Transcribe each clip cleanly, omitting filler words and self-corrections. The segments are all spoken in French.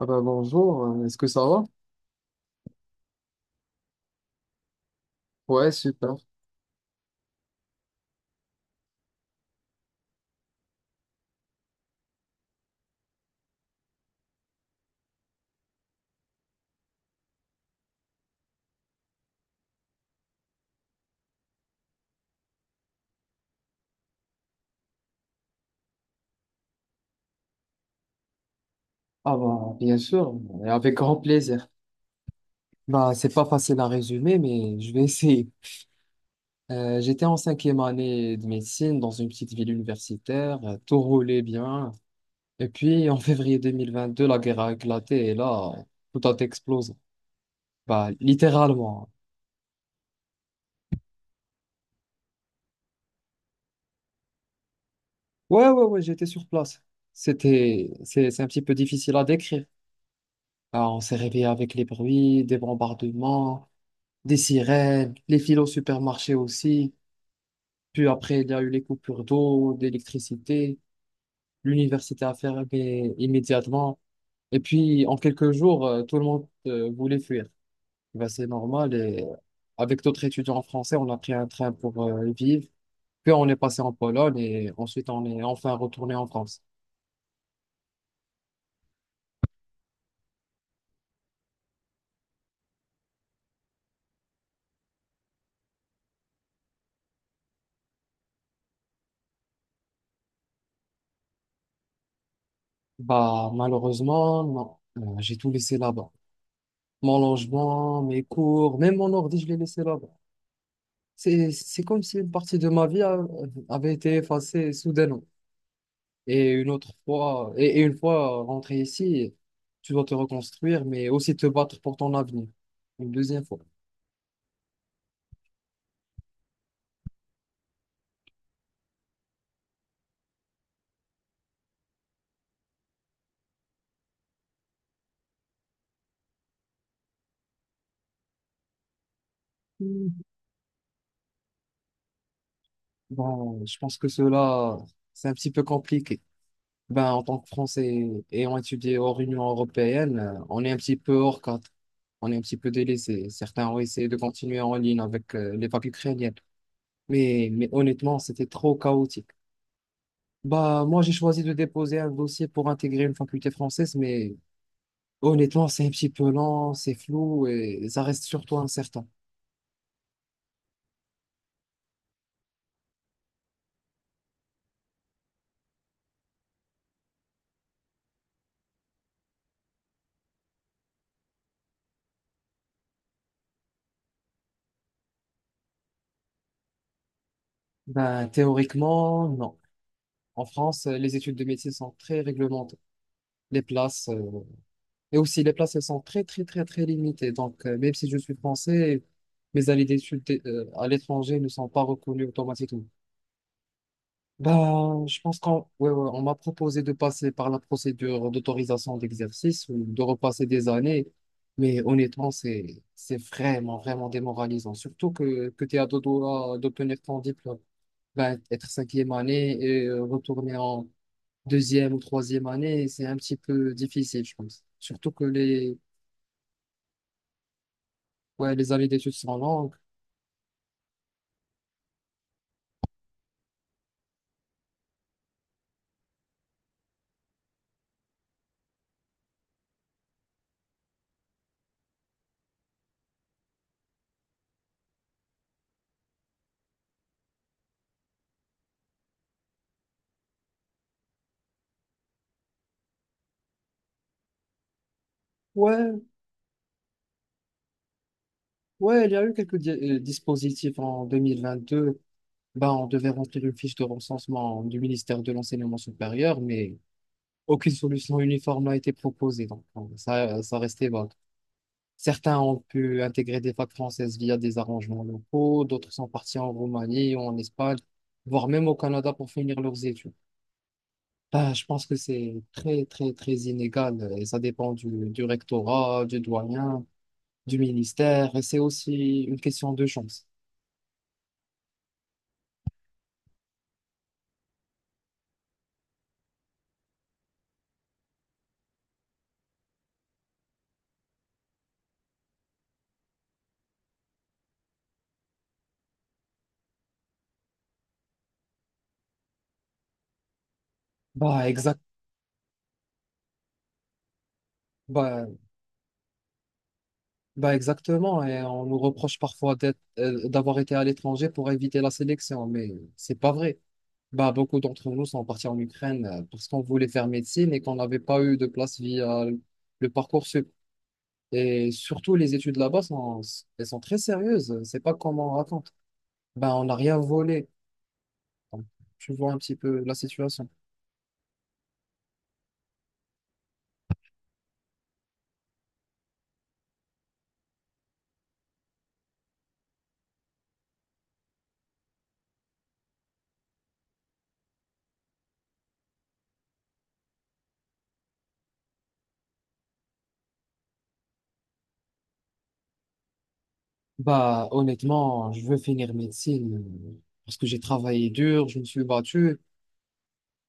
Ah bah bonjour, est-ce que ça va? Ouais, super. Ah bah bien sûr, et avec grand plaisir. Bah c'est pas facile à résumer, mais je vais essayer. J'étais en cinquième année de médecine dans une petite ville universitaire, tout roulait bien. Et puis en février 2022, la guerre a éclaté et là, tout a explosé. Bah littéralement. Ouais, ouais, ouais, j'étais sur place. C'est un petit peu difficile à décrire. Ah, on s'est réveillé avec les bruits, des bombardements, des sirènes, les files au supermarché aussi. Puis après, il y a eu les coupures d'eau, d'électricité. L'université a fermé immédiatement. Et puis, en quelques jours, tout le monde voulait fuir. Ben, c'est normal. Et avec d'autres étudiants français, on a pris un train pour vivre. Puis on est passé en Pologne et ensuite on est enfin retourné en France. Bah, malheureusement, non. J'ai tout laissé là-bas. Mon logement, mes cours, même mon ordi, je l'ai laissé là-bas. C'est comme si une partie de ma vie avait été effacée soudainement. Et une fois rentré ici, tu dois te reconstruire, mais aussi te battre pour ton avenir. Une deuxième fois. Hmm. Bon, je pense que cela, c'est un petit peu compliqué. Ben, en tant que Français ayant étudié hors Union européenne, on est un petit peu hors cadre. On est un petit peu délaissé. Certains ont essayé de continuer en ligne avec les papes ukrainiennes. Mais honnêtement, c'était trop chaotique. Bah, moi, j'ai choisi de déposer un dossier pour intégrer une faculté française, mais honnêtement, c'est un petit peu lent, c'est flou et ça reste surtout incertain. Ben, théoriquement, non. En France, les études de médecine sont très réglementées. Les places, euh, les places, elles sont très, très, très, très limitées. Donc, même si je suis français, mes années d'études à l'étranger ne sont pas reconnues automatiquement. Ben, je pense qu'on ouais, ouais, on m'a proposé de passer par la procédure d'autorisation d'exercice ou de repasser des années, mais honnêtement, c'est vraiment, vraiment démoralisant. Surtout que tu es à deux doigts d'obtenir ton diplôme. Ben, être cinquième année et retourner en deuxième ou troisième année, c'est un petit peu difficile, je pense. Ouais, les années d'études sont longues. Ouais, ouais, il y a eu quelques dispositifs en 2022. Ben, on devait remplir une fiche de recensement du ministère de l'Enseignement supérieur, mais aucune solution uniforme n'a été proposée. Donc, ça, ça restait vague. Certains ont pu intégrer des facs françaises via des arrangements locaux, d'autres sont partis en Roumanie ou en Espagne, voire même au Canada pour finir leurs études. Ben, je pense que c'est très, très, très inégal et ça dépend du rectorat, du doyen, du ministère et c'est aussi une question de chance. Bah, exact. bah, Bah exactement, et on nous reproche parfois d'avoir été à l'étranger pour éviter la sélection, mais c'est pas vrai. Bah beaucoup d'entre nous sont partis en Ukraine parce qu'on voulait faire médecine et qu'on n'avait pas eu de place via le Parcoursup. Et surtout, les études là-bas sont, elles sont très sérieuses. C'est pas comme on raconte. Bah on n'a rien volé. Donc, tu vois un petit peu la situation. Bah honnêtement, je veux finir médecine parce que j'ai travaillé dur, je me suis battu.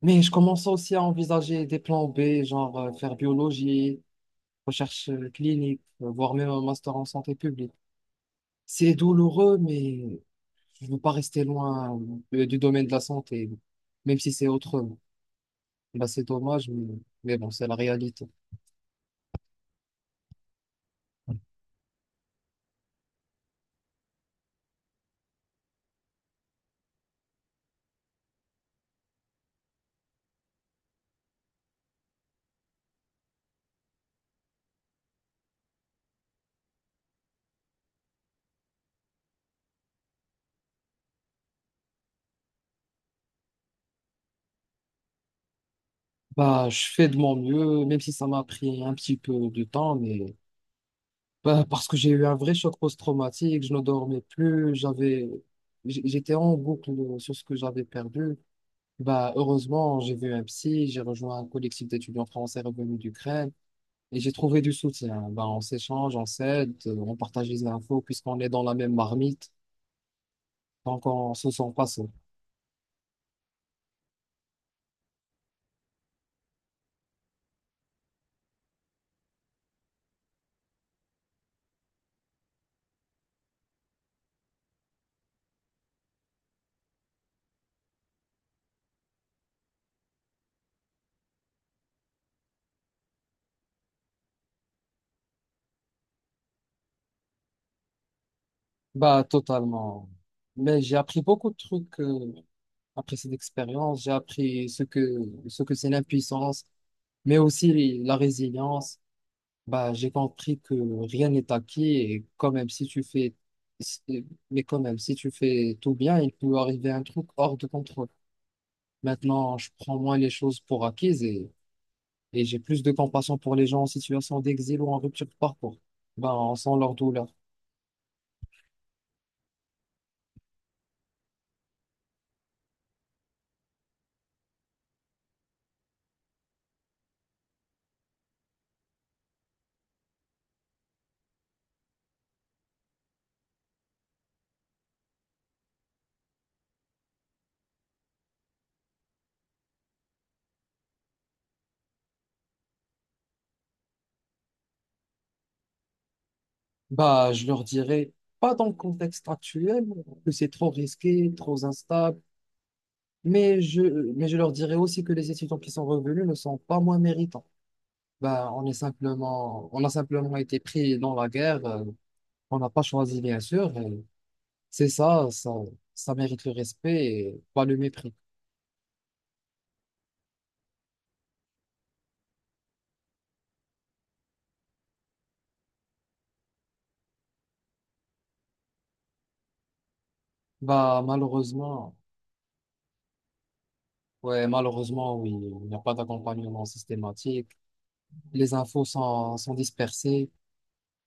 Mais je commence aussi à envisager des plans B, genre faire biologie, recherche clinique, voire même un master en santé publique. C'est douloureux, mais je veux pas rester loin du domaine de la santé, même si c'est autrement. Bah, c'est dommage, mais bon, c'est la réalité. Bah, je fais de mon mieux, même si ça m'a pris un petit peu de temps, mais bah, parce que j'ai eu un vrai choc post-traumatique, je ne dormais plus, j'étais en boucle sur ce que j'avais perdu. Bah, heureusement, j'ai vu un psy, j'ai rejoint un collectif d'étudiants français revenus d'Ukraine et j'ai trouvé du soutien. Bah, on s'échange, on s'aide, on partage les infos puisqu'on est dans la même marmite, donc on se sent pas seul. Bah, totalement. Mais j'ai appris beaucoup de trucs après cette expérience. J'ai appris ce que c'est l'impuissance, mais aussi la résilience. Bah, j'ai compris que rien n'est acquis et quand même si tu fais tout bien, il peut arriver un truc hors de contrôle. Maintenant, je prends moins les choses pour acquises et j'ai plus de compassion pour les gens en situation d'exil ou en rupture de parcours. Bah, on sent leur douleur. Bah, je leur dirais pas dans le contexte actuel que c'est trop risqué, trop instable, mais je mais je leur dirais aussi que les étudiants qui sont revenus ne sont pas moins méritants. On a simplement été pris dans la guerre, on n'a pas choisi, bien sûr. C'est ça mérite le respect et pas le mépris. Bah, malheureusement, ouais, malheureusement, oui, il n'y a pas d'accompagnement systématique. Sont dispersées.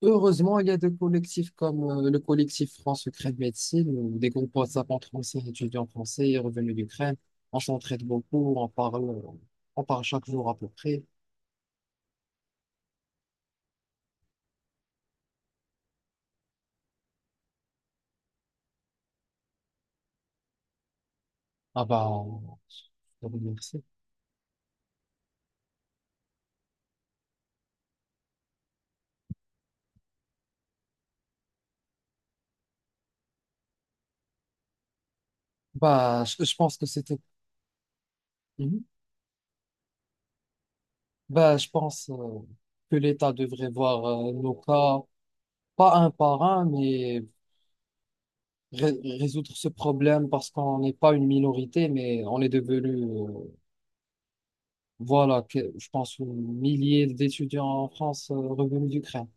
Heureusement, il y a des collectifs comme le collectif France-Ukraine Médecine, où des groupes WhatsApp entre anciens étudiants français et revenus d'Ukraine. On s'entraide beaucoup, on parle chaque jour à peu près. Ah bah, je vous remercie. Je pense que c'était. Mhm. Bah, je pense que l'État devrait voir nos cas, pas un par un, mais résoudre ce problème parce qu'on n'est pas une minorité, mais on est devenu, voilà, je pense, un millier d'étudiants en France revenus d'Ukraine.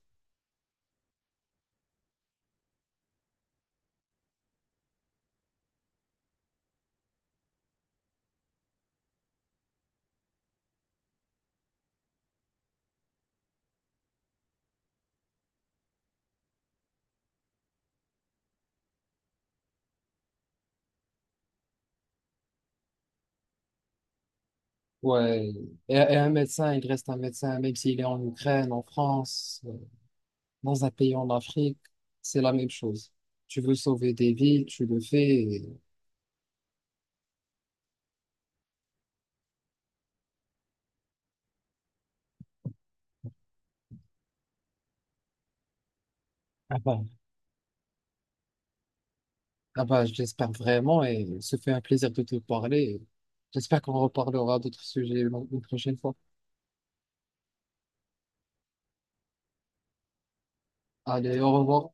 Ouais. Et un médecin, il reste un médecin, même s'il est en Ukraine, en France, dans un pays en Afrique, c'est la même chose. Tu veux sauver des vies, tu le fais. Ah bah, ah bah, j'espère vraiment et ce fait un plaisir de te parler. J'espère qu'on reparlera d'autres sujets une prochaine fois. Allez, au revoir.